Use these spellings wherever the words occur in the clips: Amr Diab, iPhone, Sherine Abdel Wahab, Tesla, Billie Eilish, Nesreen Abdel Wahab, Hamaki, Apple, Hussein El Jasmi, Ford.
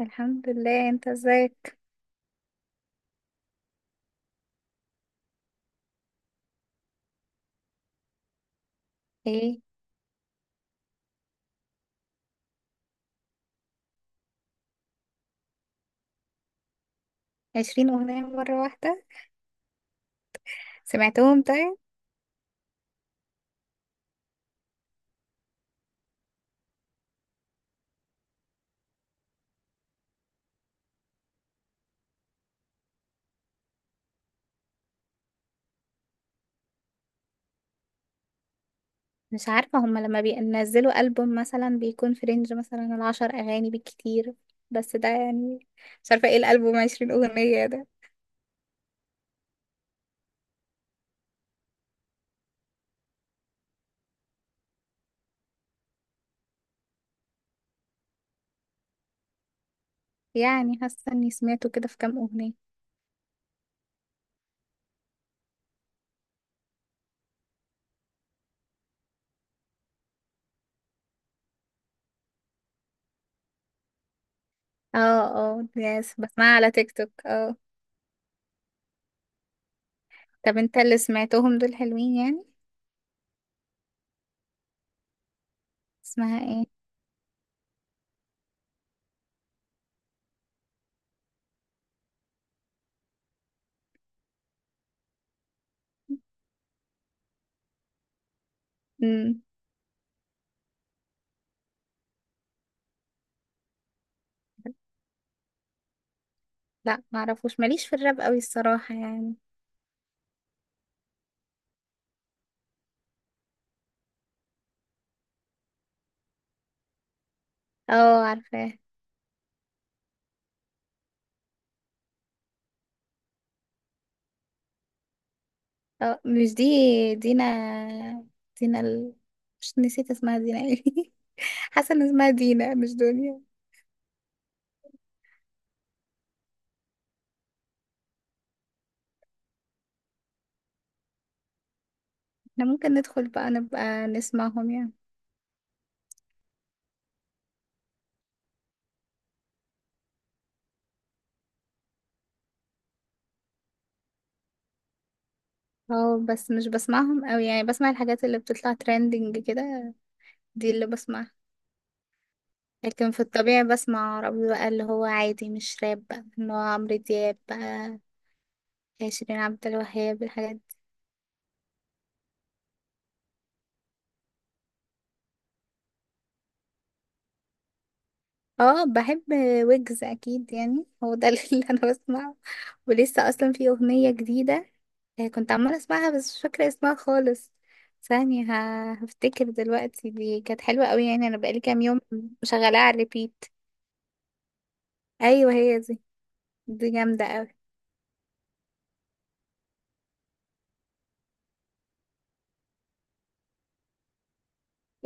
الحمد لله. انت ازيك؟ ايه؟ 20 اغنية مرة واحدة؟ سمعتهم طيب؟ مش عارفة، هما لما بينزلوا ألبوم مثلا بيكون في رينج مثلا العشر أغاني بالكتير، بس ده يعني. مش عارفة ايه الألبوم 20 أغنية ده. يعني حاسة اني سمعته كده في كام أغنية. اه. اه يس، بسمعها على تيك توك. اه. طب انت اللي سمعتهم دول حلوين يعني؟ اسمها ايه؟ مم. لا، معرفوش، ماليش في الراب قوي الصراحة يعني. اه، عارفاه. اه، مش دي. دينا. دينا. مش، نسيت اسمها دينا ايه. حاسه ان اسمها دينا مش دنيا. احنا ممكن ندخل بقى نبقى نسمعهم يعني. اه بس مش بسمعهم اوي يعني، بسمع الحاجات اللي بتطلع ترending كده. دي اللي بسمعها. لكن في الطبيعي بسمع عربي بقى، اللي هو عادي مش راب بقى، اللي هو عمرو دياب بقى، شيرين عبد الوهاب، الحاجات دي. اه بحب ويجز اكيد، يعني هو ده اللي انا بسمعه. ولسه اصلا في اغنيه جديده. آه، كنت عمالة اسمعها بس مش فاكرة اسمها خالص. ثانية، هفتكر دلوقتي. دي كانت حلوة قوي يعني، انا بقالي كام يوم مشغلاها على ريبيت. ايوه هي دي. دي جامدة قوي.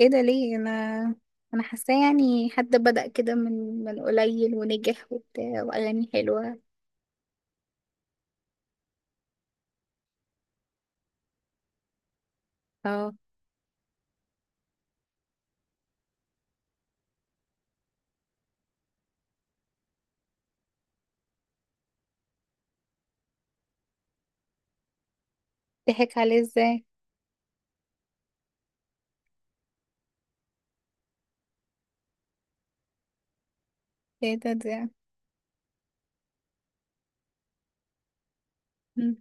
ايه ده ليه؟ انا حاساه يعني حد بدأ كده من قليل ونجح وبتاع واغاني حلوة. اه. ضحك عليه ازاي؟ ايه ده مم.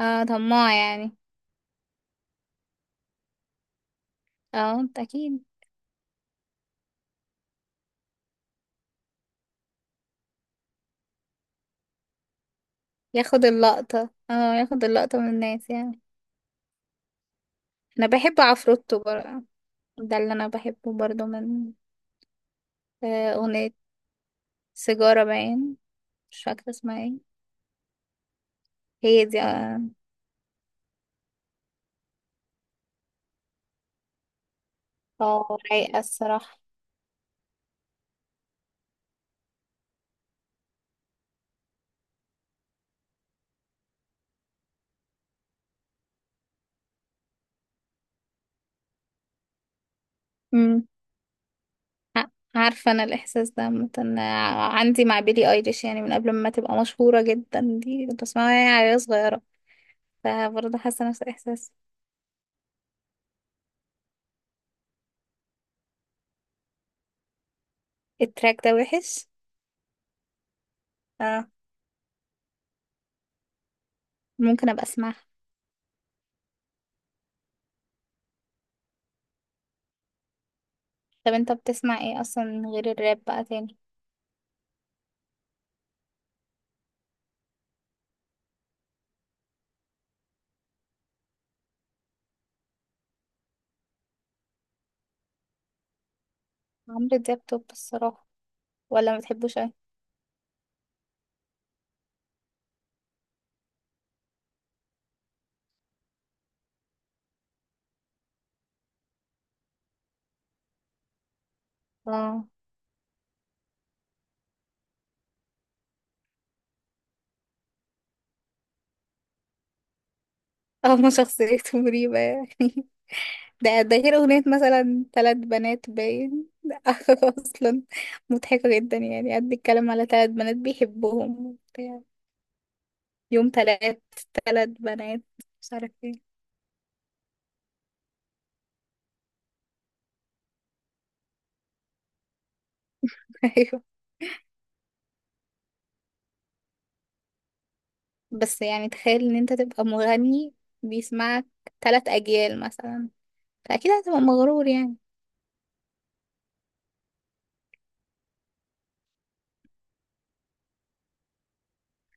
اه، طماع يعني. اه، انت اكيد. ياخد اللقطة، اه ياخد اللقطة من الناس يعني. انا بحب عفروتو بقى. ده اللي انا بحبه برضه من أغنية سيجارة باين. مش فاكرة اسمها ايه. هي دي اه. اه، رايقة الصراحة. مم. ع- عارفة أنا الإحساس ده مثلا عندي مع بيلي أيليش، يعني من قبل ما تبقى مشهورة جدا دي كنت بسمعها، يعني عيال صغيرة. فبرضه حاسة نفس الإحساس. التراك ده وحش. اه. ممكن أبقى أسمعها. طب أنت بتسمع ايه أصلا غير الراب بقى تاني؟ عمرو دياب توب الصراحة. ولا ما بتحبوش أوي؟ اه. اه، ما شخصيته مريبة يعني. ده ده غير أغنية مثلا ثلاث بنات باين. أصلا مضحكة جدا، يعني قد بيتكلم على ثلاث بنات بيحبهم وبتاع. يوم ثلاث، ثلاث بنات، مش عارف ايه. أيوه. بس يعني تخيل إن أنت تبقى مغني بيسمعك ثلاث أجيال مثلا، فأكيد هتبقى مغرور يعني.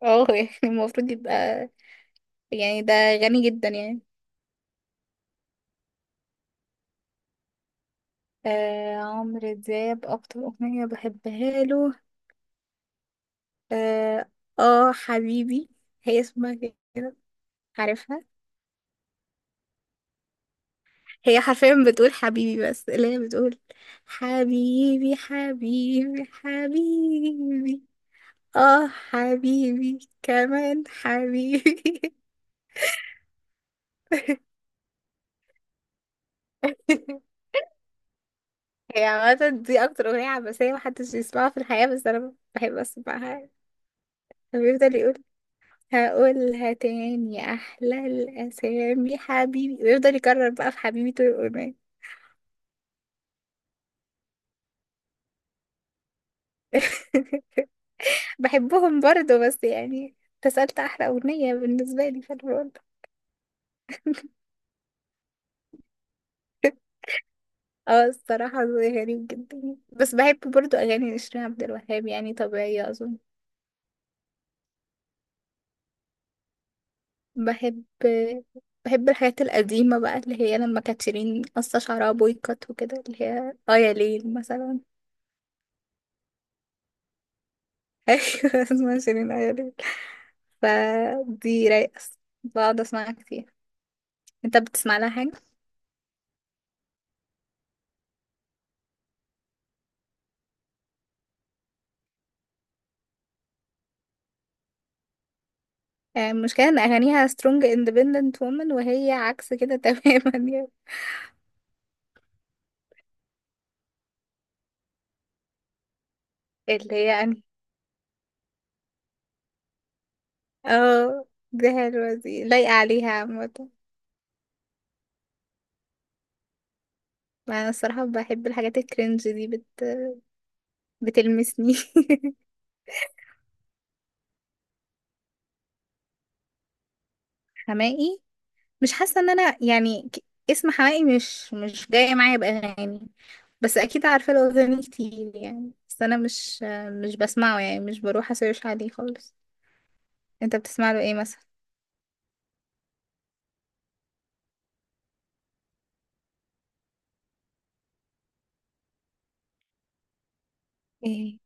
اه. يعني المفروض يبقى يعني ده غني جدا يعني. آه، عمرو دياب أكتر أغنية بحبها له، آه، آه حبيبي. هي اسمها كده، عارفها. هي حرفيا بتقول حبيبي، بس اللي هي بتقول حبيبي، حبيبي، حبيبي. اه، حبيبي كمان حبيبي. هي عامة دي أكتر أغنية عباسية محدش يسمعها في الحياة، بس أنا بحب أسمعها. بيفضل يقول هقولها تاني أحلى الأسامي حبيبي، ويفضل يكرر بقى في حبيبي طول الأغنية. بحبهم برضه بس يعني، تسألت أحلى أغنية بالنسبة لي في الرول. اه الصراحة ذوقي غريب جدا، بس بحب برضو أغاني نسرين عبد الوهاب، يعني طبيعية أظن. بحب. بحب الحاجات القديمة بقى اللي هي لما كانت شيرين قصة شعرها بويكوت وكده، اللي هي اه يا ليل مثلا. أيوة. اسمها شيرين اه يا ليل. فدي رايقة، بقعد أسمعها كتير. انت بتسمع لها حاجة؟ آه، المشكلة ان أغانيها strong independent woman وهي عكس كده تماما يعني. اللي هي أنا. اه. دي حلوة، دي لايقة عليها عامة. ما انا الصراحه بحب الحاجات الكرنج دي، بتلمسني. حماقي. مش حاسه ان انا يعني اسم حماقي مش جاي معايا باغاني. بس اكيد عارفه له اغاني كتير يعني، بس انا مش بسمعه يعني، مش بروح اسيرش عليه خالص. انت بتسمع له ايه مثلا؟ ايه؟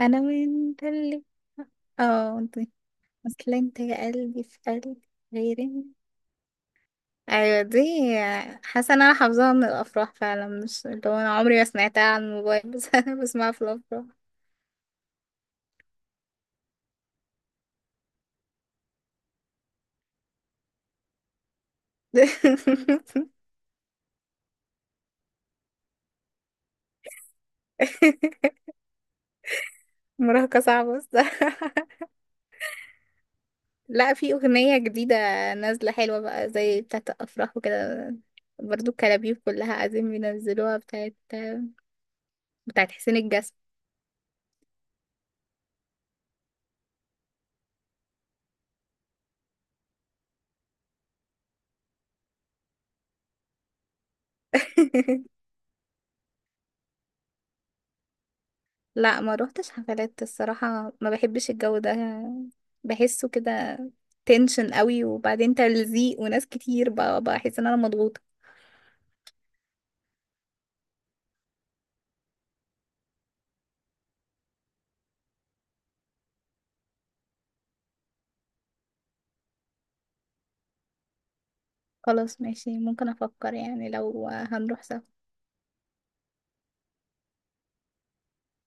انا وانت اللي اه انت. اصل انت يا قلبي في قلبي غيري. ايوه دي. حاسه ان انا حافظاها من الافراح فعلا، مش اللي هو انا عمري ما سمعتها على الموبايل، بس انا بسمعها في الافراح. مراهقة صعبة الصراحة. لا في أغنية جديدة نازلة حلوة بقى، زي بتاعة الأفراح وكده. برضو الكلابيب كلها عايزين بينزلوها، بتاعة حسين الجسمي. لا ما روحتش حفلات الصراحة، ما بحبش الجو ده. بحسه كده تنشن قوي، وبعدين تلزيق وناس كتير بقى، بحس ان انا مضغوطة. خلاص ماشي، ممكن افكر يعني لو هنروح سوا.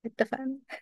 اتفقنا.